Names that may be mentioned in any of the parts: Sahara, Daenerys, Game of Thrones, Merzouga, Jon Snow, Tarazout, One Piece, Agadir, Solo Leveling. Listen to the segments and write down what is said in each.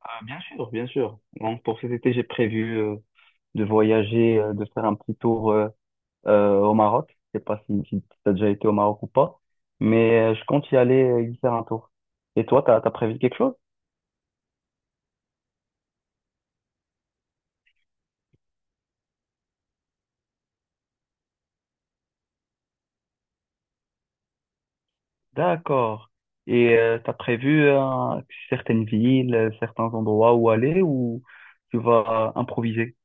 Ah, bien sûr, bien sûr. Donc, pour cet été, j'ai prévu de voyager, de faire un petit tour au Maroc. Je sais pas si tu as déjà été au Maroc ou pas, mais je compte y aller y faire un tour. Et toi, t'as prévu quelque chose? D'accord. Et tu as prévu certaines villes, certains endroits où aller ou tu vas improviser?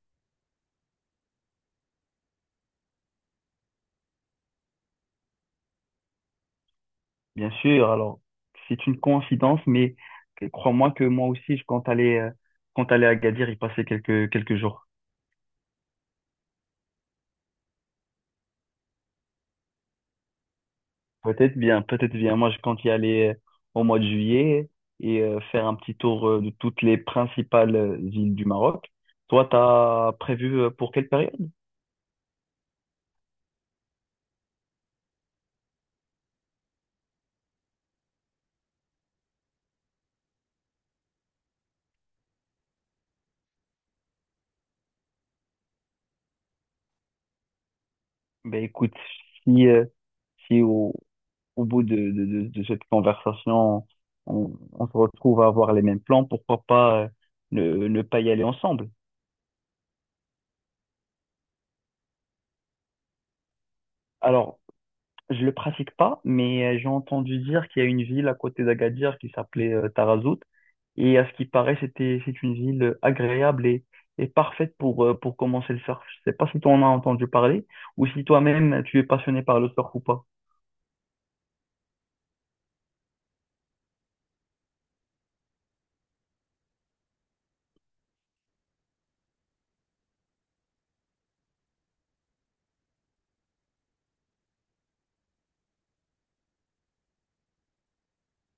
Bien sûr, alors c'est une coïncidence, mais crois-moi que moi aussi, je compte aller à Agadir y passer quelques jours. Peut-être bien, peut-être bien. Moi, je compte y aller au mois de juillet et faire un petit tour de toutes les principales villes du Maroc. Toi, t'as prévu pour quelle période? Ben écoute, si, euh, si au bout de cette conversation, on se retrouve à avoir les mêmes plans, pourquoi pas ne pas y aller ensemble? Alors, je le pratique pas, mais j'ai entendu dire qu'il y a une ville à côté d'Agadir qui s'appelait Tarazout. Et à ce qui paraît, c'est une ville agréable et parfaite pour commencer le surf. Je sais pas si tu en as entendu parler ou si toi-même tu es passionné par le surf ou pas.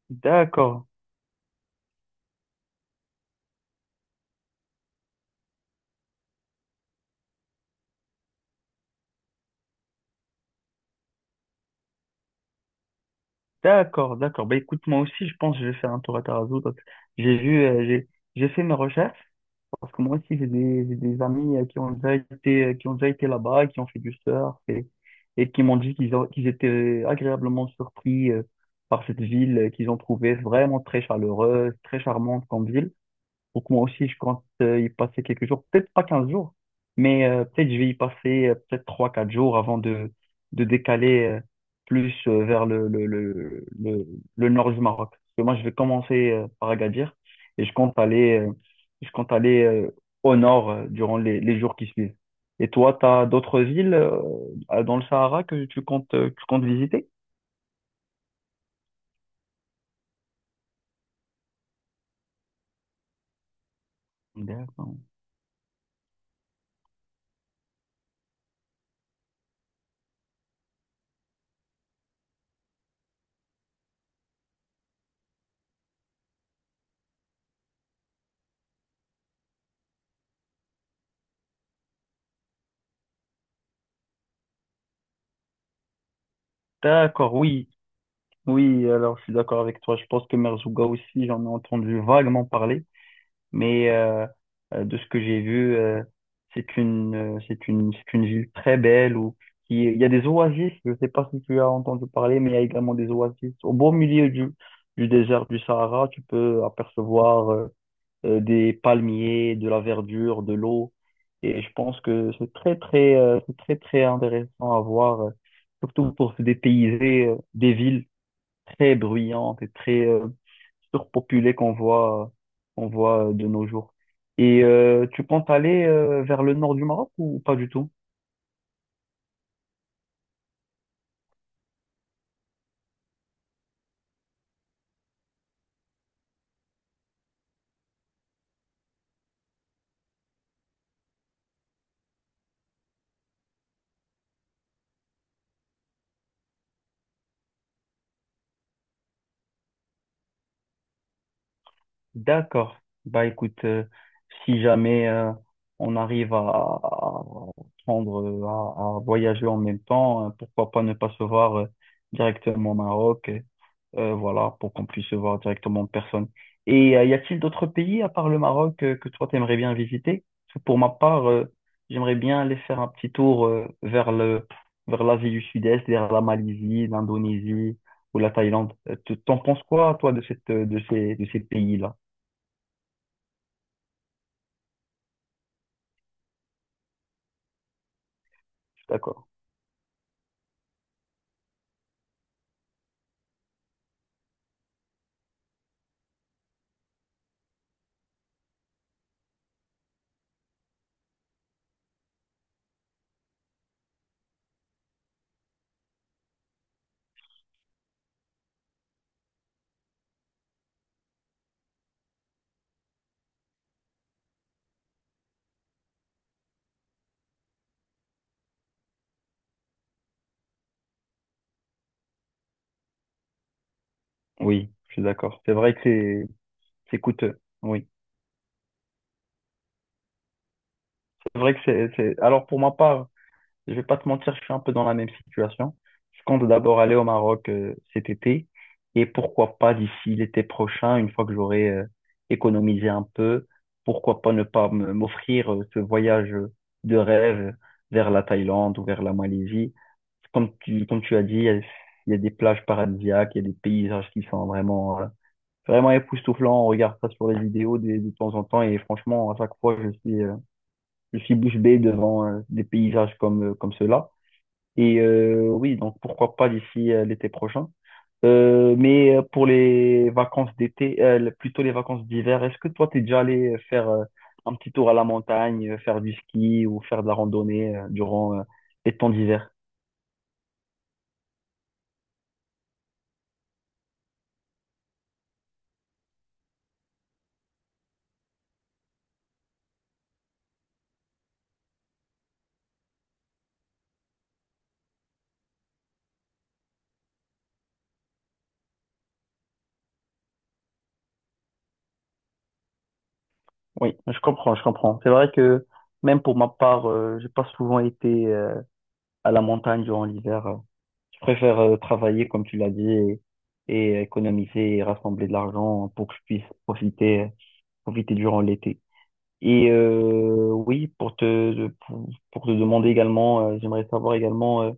D'accord, d'accord, d'accord. Bah écoute, moi aussi, je pense que je vais faire un tour à Tarazout. J'ai vu, euh, j'ai, j'ai fait mes recherches. Parce que moi aussi, j'ai des amis qui ont déjà été, qui ont déjà été là-bas, qui ont fait du surf et qui m'ont dit qu'ils étaient agréablement surpris par cette ville, qu'ils ont trouvé vraiment très chaleureuse, très charmante comme ville. Donc moi aussi, je compte y passer quelques jours, peut-être pas 15 jours, mais peut-être je vais y passer peut-être trois quatre jours avant de décaler plus vers le nord du Maroc. Parce que moi, je vais commencer par Agadir et je compte aller, je compte aller euh, au nord durant les jours qui suivent. Et toi, tu as d'autres villes dans le Sahara que tu comptes visiter? D'accord. D'accord, oui. Oui, alors je suis d'accord avec toi. Je pense que Merzouga aussi, j'en ai entendu vaguement parler, mais de ce que j'ai vu, c'est une ville très belle où il y a des oasis. Je ne sais pas si tu as entendu parler, mais il y a également des oasis au beau milieu du désert du Sahara. Tu peux apercevoir des palmiers, de la verdure, de l'eau, et je pense que c'est très, très intéressant à voir, surtout pour se dépayser des villes très bruyante et très surpopulée qu'on voit de nos jours. Et tu comptes aller vers le nord du Maroc ou pas du tout? D'accord. Bah écoute, si jamais on arrive à prendre, à voyager en même temps, pourquoi pas ne pas se voir directement au Maroc. Voilà, pour qu'on puisse se voir directement en personne. Et y a-t-il d'autres pays à part le Maroc que toi t'aimerais bien visiter? Parce que pour ma part, j'aimerais bien aller faire un petit tour vers le vers l'Asie du Sud-Est, vers la Malaisie, l'Indonésie ou la Thaïlande. T'en penses quoi, toi, de cette de ces pays-là? Je suis d'accord. Oui, je suis d'accord. C'est vrai que c'est coûteux. Oui, c'est vrai que c'est. Alors pour ma part. Je vais pas te mentir, je suis un peu dans la même situation. Je compte d'abord aller au Maroc cet été et pourquoi pas d'ici l'été prochain, une fois que j'aurai économisé un peu, pourquoi pas ne pas me- m'offrir ce voyage de rêve vers la Thaïlande ou vers la Malaisie. Comme tu as dit, il y a des plages paradisiaques, il y a des paysages qui sont vraiment, vraiment époustouflants. On regarde ça sur les vidéos de temps en temps et franchement, à chaque fois, je suis bouche bée devant des paysages comme ceux-là. Et oui, donc pourquoi pas d'ici l'été prochain. Pour les vacances d'été, plutôt les vacances d'hiver, est-ce que toi, t'es déjà allé faire un petit tour à la montagne, faire du ski ou faire de la randonnée durant les temps d'hiver? Oui, je comprends, je comprends. C'est vrai que même pour ma part, j'ai pas souvent été à la montagne durant l'hiver. Je préfère travailler, comme tu l'as dit, et économiser et rassembler de l'argent pour que je puisse profiter, profiter durant l'été. Et oui, pour te demander également, j'aimerais savoir également,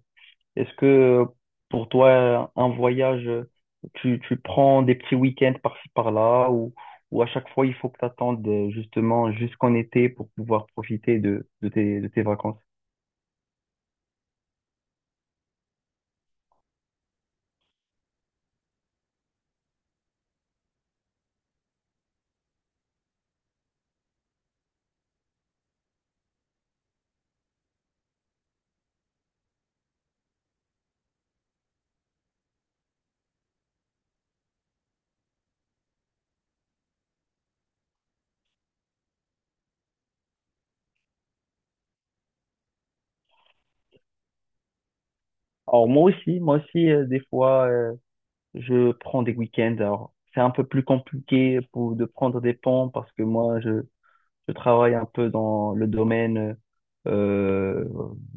est-ce que pour toi, un voyage, tu prends des petits week-ends par-ci par-là ou à chaque fois, il faut que tu attendes justement jusqu'en été pour pouvoir profiter de tes vacances? Alors moi aussi, des fois, je prends des week-ends. Alors c'est un peu plus compliqué de prendre des ponts parce que je travaille un peu dans le domaine euh,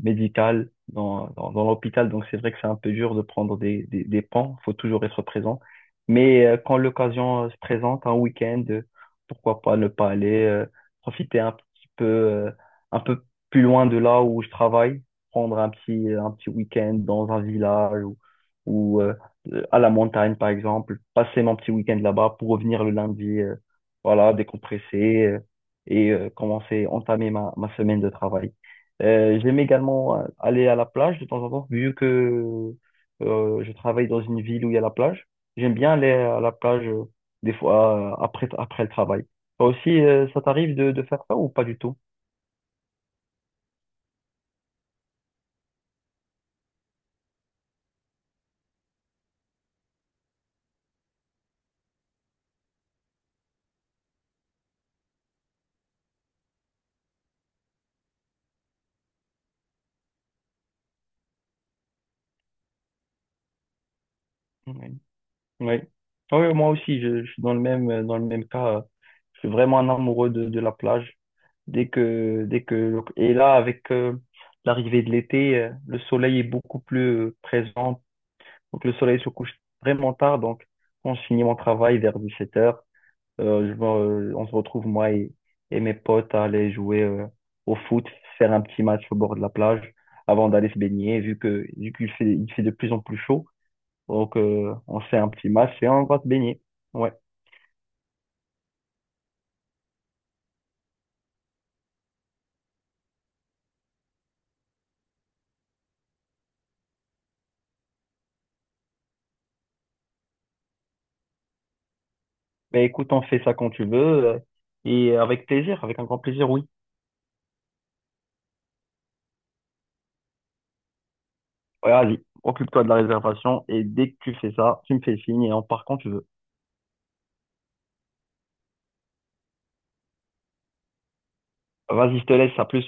médical, dans l'hôpital, donc c'est vrai que c'est un peu dur de prendre des pans, faut toujours être présent. Mais quand l'occasion se présente, un week-end, pourquoi pas ne pas aller profiter un petit peu, un peu plus loin de là où je travaille, prendre un petit week-end dans un village ou, ou euh, à la montagne par exemple, passer mon petit week-end là-bas pour revenir le lundi, voilà, décompresser. Entamer ma semaine de travail. J'aime également aller à la plage de temps en temps, vu que je travaille dans une ville où il y a la plage. J'aime bien aller à la plage des fois après, après le travail. Toi aussi, ça t'arrive de faire ça ou pas du tout? Oui. Oui. Oui, moi aussi, je suis dans le même cas. Je suis vraiment un amoureux de la plage. Et là, avec l'arrivée de l'été, le soleil est beaucoup plus présent. Donc le soleil se couche vraiment tard. Donc quand je finis mon travail vers 17h, euh, je me- on se retrouve moi et mes potes à aller jouer au foot, faire un petit match au bord de la plage avant d'aller se baigner. Vu que vu qu'il fait il fait de plus en plus chaud, donc on fait un petit match et on va se baigner. Ouais. Ben écoute, on fait ça quand tu veux euh, et avec plaisir, avec un grand plaisir, oui. Ouais, vas-y, occupe-toi de la réservation et dès que tu fais ça, tu me fais signe et on part quand tu veux. Vas-y, je te laisse, à plus.